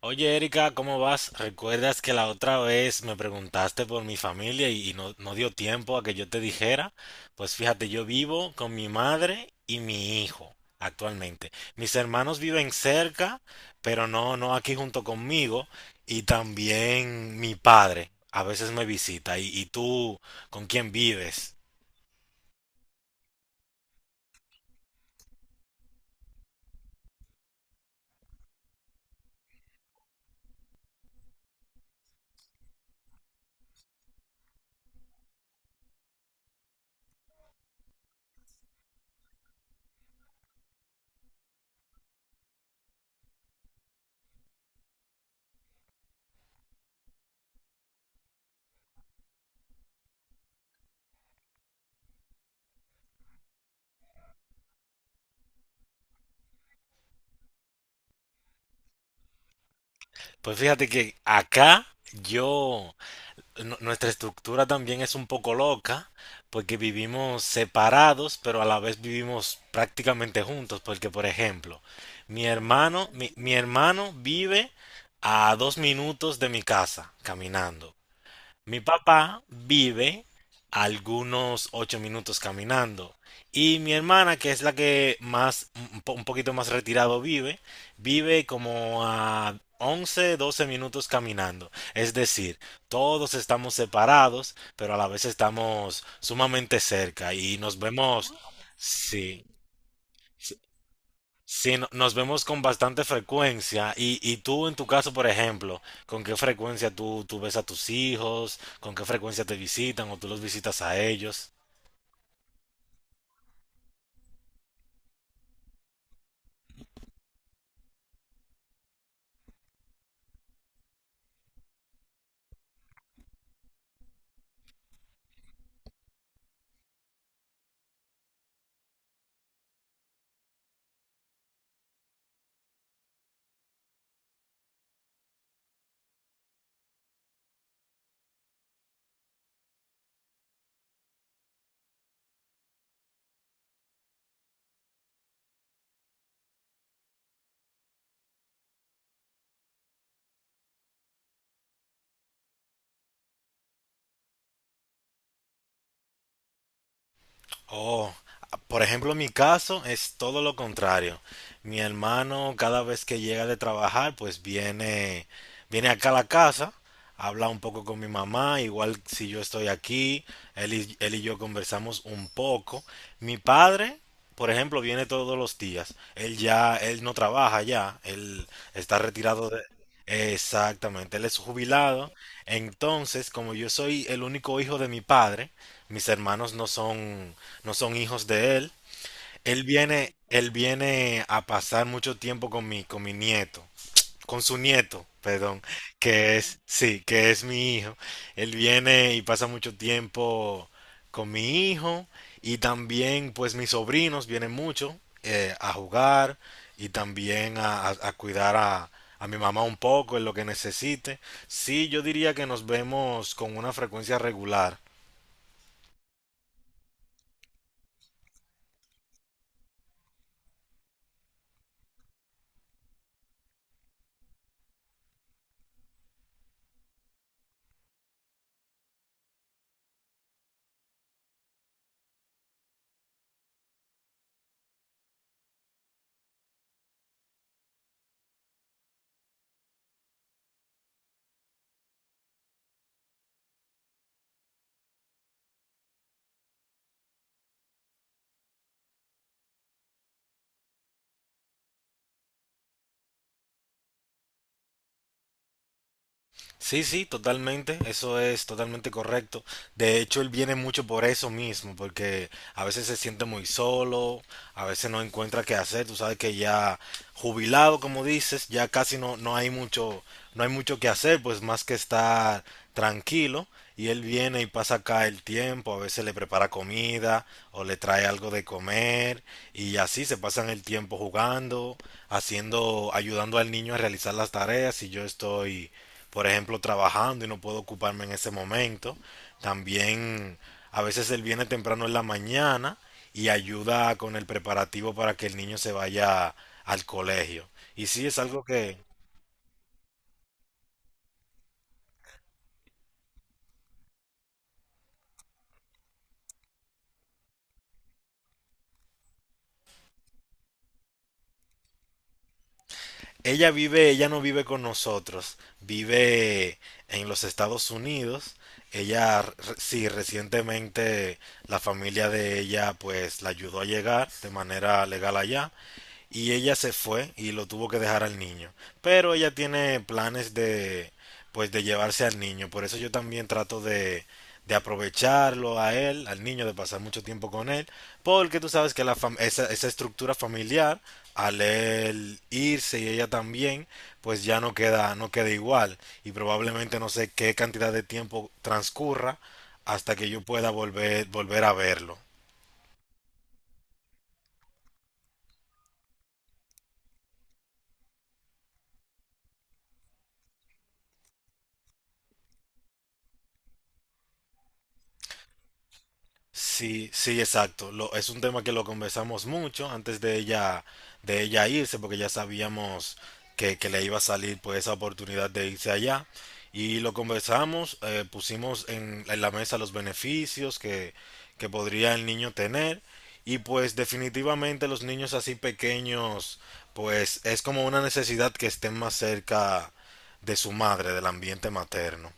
Oye, Erika, ¿cómo vas? ¿Recuerdas que la otra vez me preguntaste por mi familia y no dio tiempo a que yo te dijera? Pues fíjate, yo vivo con mi madre y mi hijo actualmente. Mis hermanos viven cerca, pero no aquí junto conmigo. Y también mi padre a veces me visita. ¿Y tú con quién vives? Pues fíjate que acá yo... nuestra estructura también es un poco loca, porque vivimos separados, pero a la vez vivimos prácticamente juntos, porque por ejemplo, mi hermano vive a 2 minutos de mi casa, caminando. Mi papá vive a algunos 8 minutos caminando. Y mi hermana, que es la que más, un poquito más retirado vive, vive como a 11, 12 minutos caminando. Es decir, todos estamos separados, pero a la vez estamos sumamente cerca y nos vemos, sí. Sí, nos vemos con bastante frecuencia. Y tú, en tu caso, por ejemplo, ¿con qué frecuencia tú ves a tus hijos? ¿Con qué frecuencia te visitan o tú los visitas a ellos? Oh, por ejemplo, en mi caso es todo lo contrario. Mi hermano cada vez que llega de trabajar, pues viene, viene acá a la casa, habla un poco con mi mamá, igual si yo estoy aquí, él y yo conversamos un poco. Mi padre, por ejemplo, viene todos los días. Él ya, él no trabaja ya, él está retirado de... Exactamente, él es jubilado. Entonces, como yo soy el único hijo de mi padre, mis hermanos no son, no son hijos de él. Él viene a pasar mucho tiempo con mi nieto, con su nieto, perdón, que es, sí, que es mi hijo. Él viene y pasa mucho tiempo con mi hijo y también pues mis sobrinos vienen mucho a jugar y también a cuidar a mi mamá un poco en lo que necesite. Sí, yo diría que nos vemos con una frecuencia regular. Sí, sí, totalmente, eso es totalmente correcto. De hecho, él viene mucho por eso mismo, porque a veces se siente muy solo, a veces no encuentra qué hacer, tú sabes que ya jubilado, como dices, ya casi no hay mucho, no hay mucho que hacer, pues más que estar tranquilo, y él viene y pasa acá el tiempo, a veces le prepara comida o le trae algo de comer, y así se pasan el tiempo jugando, haciendo, ayudando al niño a realizar las tareas, y yo estoy por ejemplo, trabajando y no puedo ocuparme en ese momento. También a veces él viene temprano en la mañana y ayuda con el preparativo para que el niño se vaya al colegio. Y sí, es algo que ella vive, ella no vive con nosotros, vive en los Estados Unidos. Ella, sí, recientemente la familia de ella pues la ayudó a llegar de manera legal allá y ella se fue y lo tuvo que dejar al niño. Pero ella tiene planes de, pues, de llevarse al niño. Por eso yo también trato de aprovecharlo a él, al niño, de pasar mucho tiempo con él. Porque tú sabes que esa estructura familiar, al él irse y ella también, pues ya no queda, no queda igual. Y probablemente no sé qué cantidad de tiempo transcurra hasta que yo pueda volver, volver a verlo. Sí, sí, exacto. Es un tema que lo conversamos mucho antes de ella irse, porque ya sabíamos que le iba a salir pues esa oportunidad de irse allá. Y lo conversamos, pusimos en la mesa los beneficios que podría el niño tener. Y pues definitivamente los niños así pequeños, pues es como una necesidad que estén más cerca de su madre, del ambiente materno.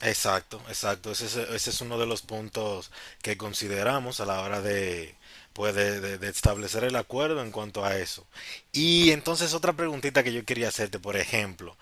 Exacto, exacto. Ese es uno de los puntos que consideramos a la hora de, pues, de establecer el acuerdo en cuanto a eso. Y entonces otra preguntita que yo quería hacerte, por ejemplo,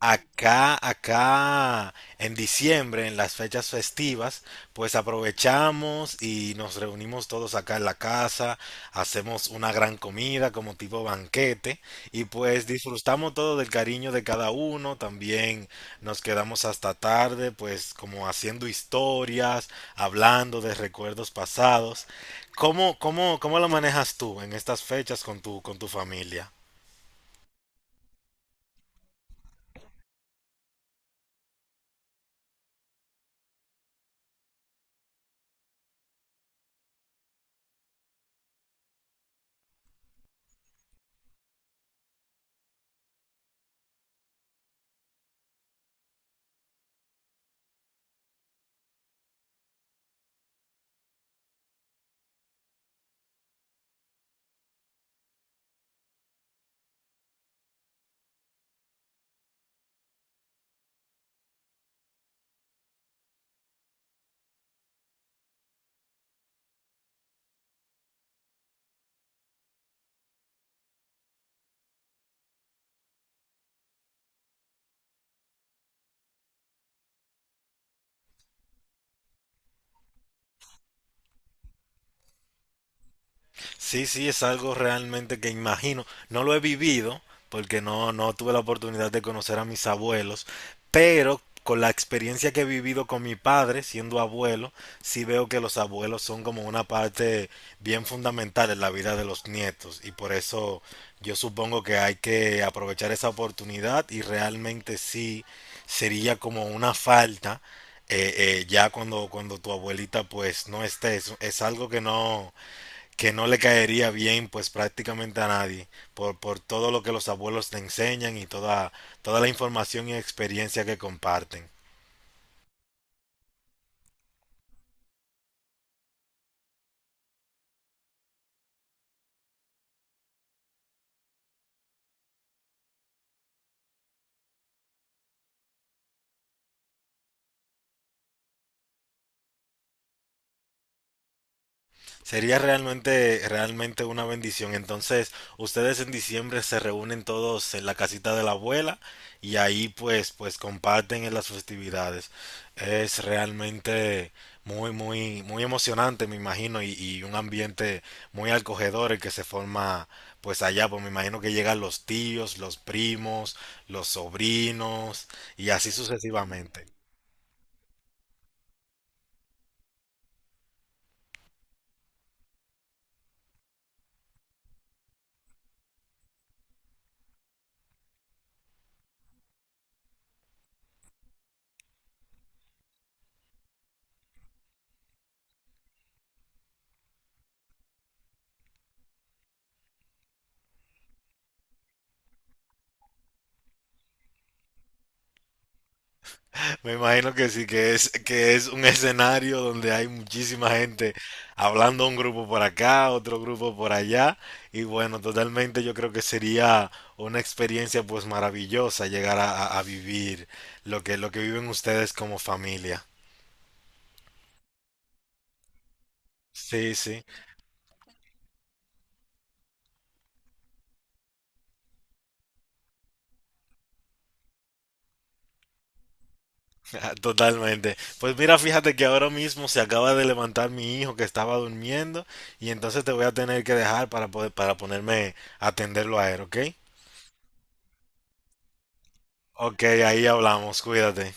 En diciembre, en las fechas festivas, pues aprovechamos y nos reunimos todos acá en la casa, hacemos una gran comida como tipo banquete y pues disfrutamos todo del cariño de cada uno, también nos quedamos hasta tarde, pues como haciendo historias, hablando de recuerdos pasados. ¿Cómo lo manejas tú en estas fechas con tu familia? Sí, sí, es algo realmente que imagino. No lo he vivido porque no tuve la oportunidad de conocer a mis abuelos, pero con la experiencia que he vivido con mi padre siendo abuelo, sí veo que los abuelos son como una parte bien fundamental en la vida de los nietos y por eso yo supongo que hay que aprovechar esa oportunidad y realmente sí sería como una falta eh, ya cuando, cuando tu abuelita pues no esté. Es algo que no, que no le caería bien pues prácticamente a nadie por, por todo lo que los abuelos le enseñan y toda, toda la información y experiencia que comparten. Sería realmente, realmente una bendición. Entonces, ustedes en diciembre se reúnen todos en la casita de la abuela y ahí pues, pues comparten en las festividades. Es realmente muy, muy, muy emocionante, me imagino, y un ambiente muy acogedor el que se forma pues allá, pues me imagino que llegan los tíos, los primos, los sobrinos y así sucesivamente. Me imagino que sí, que es un escenario donde hay muchísima gente hablando un grupo por acá, otro grupo por allá, y bueno, totalmente yo creo que sería una experiencia pues maravillosa llegar a vivir lo que viven ustedes como familia. Sí, sí, totalmente. Pues mira, fíjate que ahora mismo se acaba de levantar mi hijo que estaba durmiendo y entonces te voy a tener que dejar para poder, para ponerme a atenderlo a él, ¿ok? Ok, ahí hablamos, cuídate.